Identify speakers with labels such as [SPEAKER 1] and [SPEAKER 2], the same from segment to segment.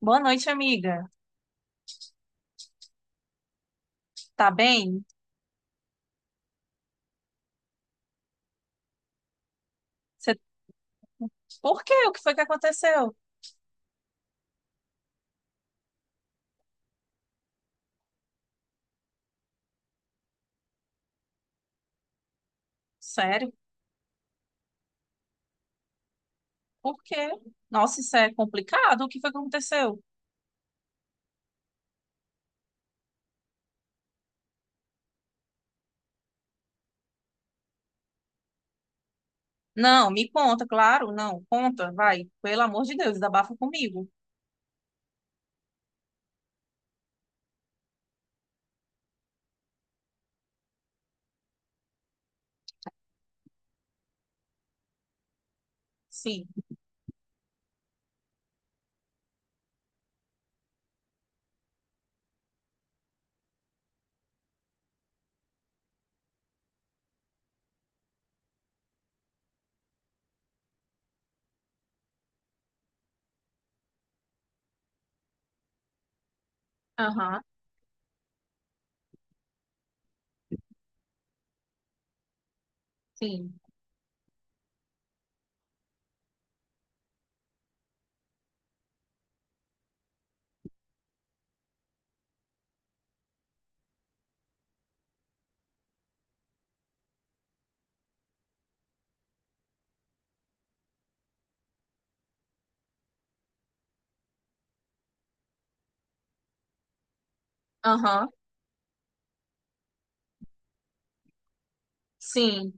[SPEAKER 1] Boa noite, amiga. Tá bem? Você... Por quê? O que foi que aconteceu? Sério? Por quê? Nossa, isso é complicado. O que foi que aconteceu? Não, me conta, claro. Não, conta, vai. Pelo amor de Deus, desabafa comigo. Sim. Aham, sim. Aham, sim.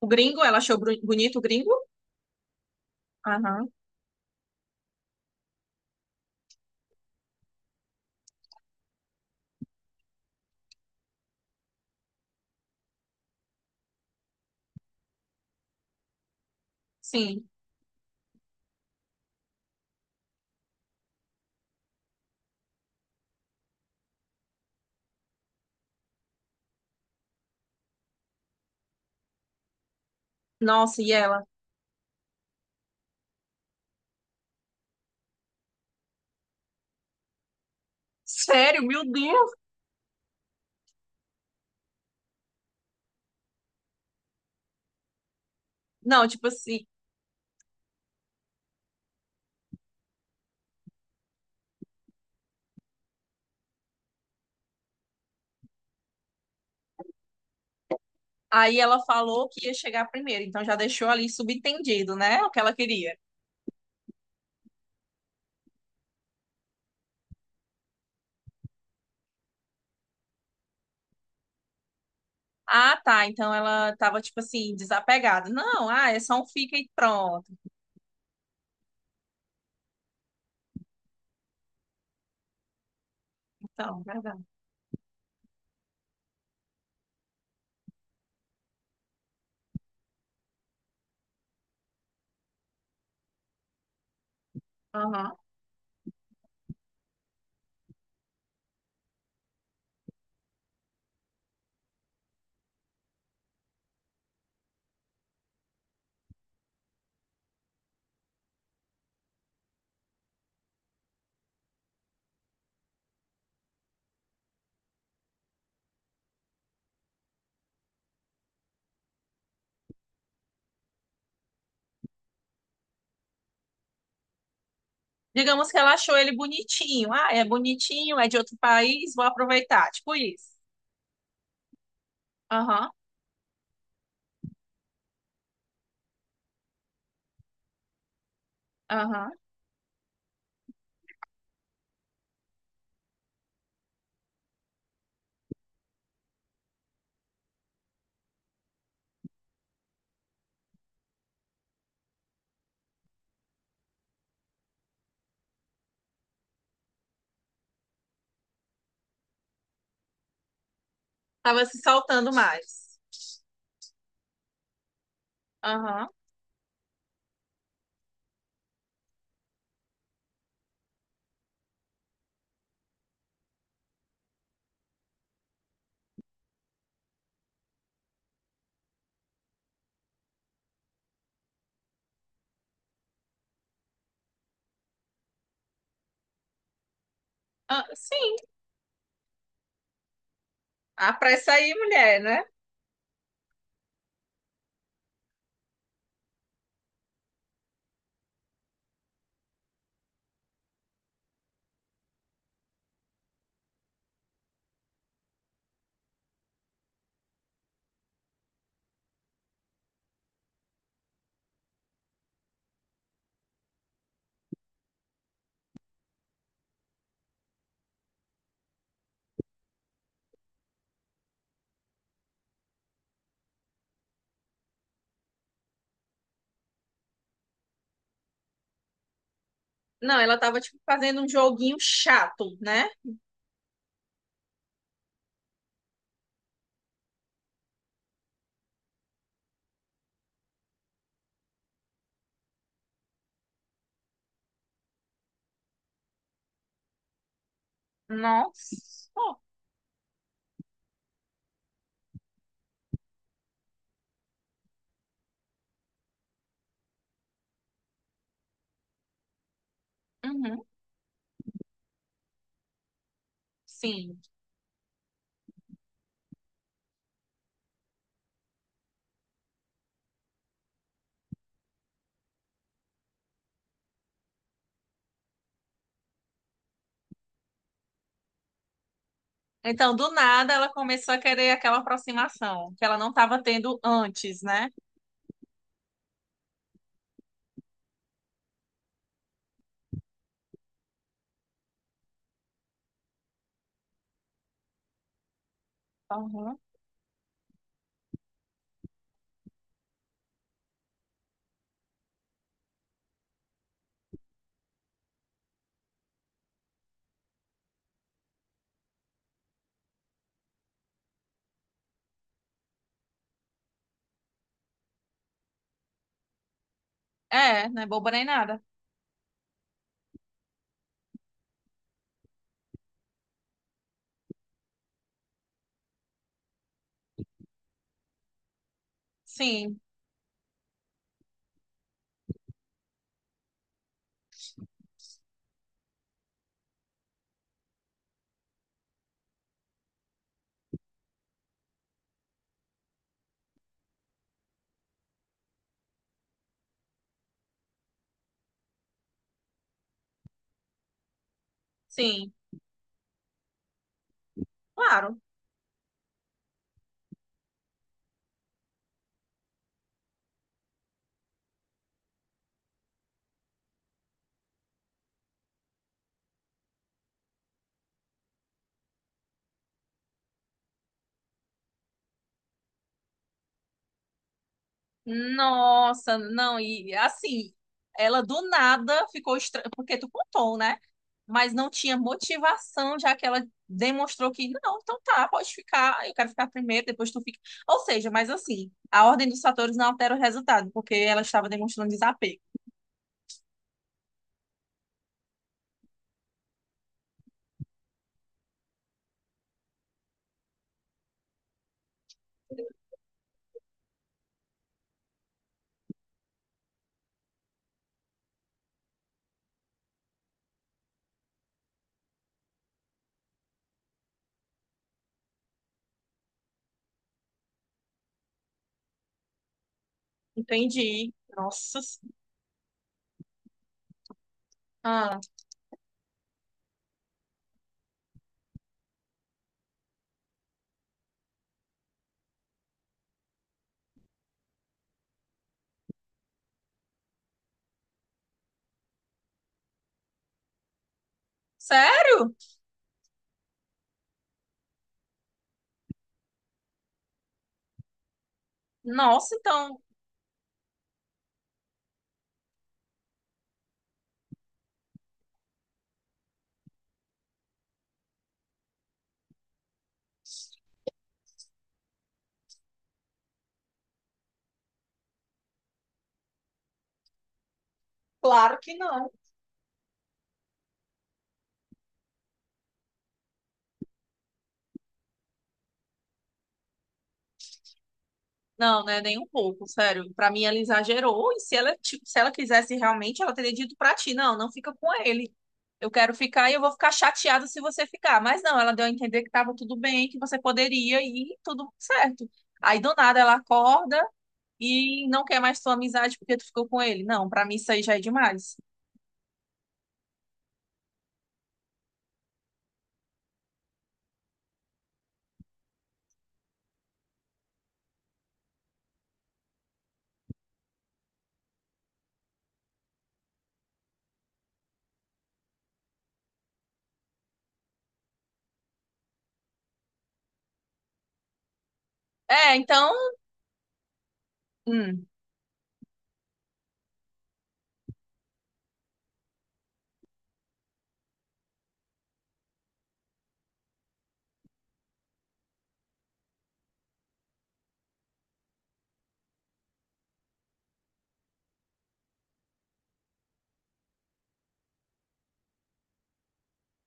[SPEAKER 1] O gringo, ela achou bonito o gringo? Aham, sim. Nossa, e ela? Sério? Meu Deus! Não, tipo assim. Aí ela falou que ia chegar primeiro, então já deixou ali subentendido, né? O que ela queria. Ah, tá. Então ela tava, tipo assim, desapegada. Não, ah, é só um fica e pronto. Então, verdade. Aham. Digamos que ela achou ele bonitinho. Ah, é bonitinho, é de outro país, vou aproveitar. Tipo isso. Aham, aham. Tava se soltando mais. Aham. Ah, sim. Apressa aí, mulher, né? Não, ela tava, tipo, fazendo um joguinho chato, né? Nossa. Uhum. Sim. Então, do nada, ela começou a querer aquela aproximação que ela não estava tendo antes, né? Aham. É, não é boba nem nada. Sim, sim, claro. Nossa, não, e assim, ela do nada ficou estranha, porque tu contou, né? Mas não tinha motivação, já que ela demonstrou que, não, então tá, pode ficar, eu quero ficar primeiro, depois tu fica. Ou seja, mas assim, a ordem dos fatores não altera o resultado, porque ela estava demonstrando desapego. Entendi. Nossa. Ah, sério? Nossa, então, claro que não. Não, né? Nem um pouco, sério. Pra mim, ela exagerou. E se ela, se ela quisesse realmente, ela teria dito pra ti: não, não fica com ele. Eu quero ficar e eu vou ficar chateada se você ficar. Mas não, ela deu a entender que tava tudo bem, que você poderia e tudo certo. Aí do nada ela acorda e não quer mais tua amizade porque tu ficou com ele. Não, pra mim isso aí já é demais. É, então. Hum.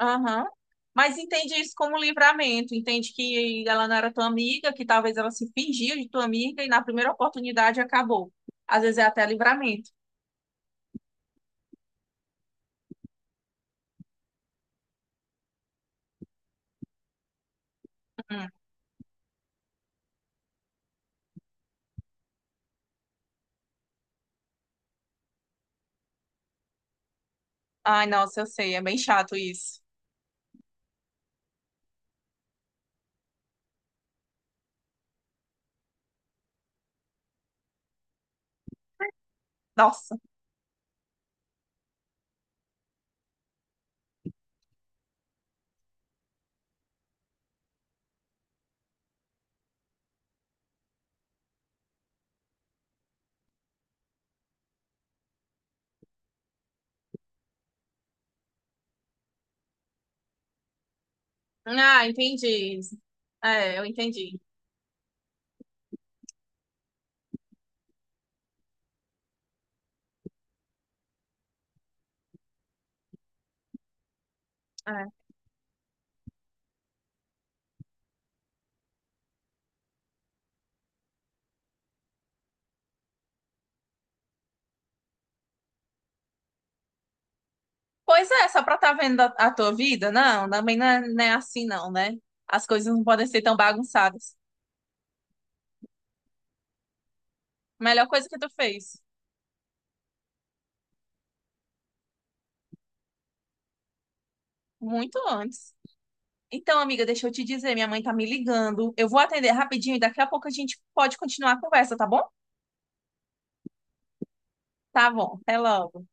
[SPEAKER 1] Aham. Mas entende isso como livramento, entende que ela não era tua amiga, que talvez ela se fingia de tua amiga e na primeira oportunidade acabou. Às vezes é até livramento. Hum. Ai, nossa, eu sei, é bem chato isso. Nossa. Ah, entendi. É, eu entendi. É. Pois é, só pra tá vendo a tua vida, não, também não é, não é assim não, né? As coisas não podem ser tão bagunçadas. Melhor coisa que tu fez, muito antes. Então, amiga, deixa eu te dizer, minha mãe tá me ligando. Eu vou atender rapidinho e daqui a pouco a gente pode continuar a conversa, tá bom? Tá bom, até logo.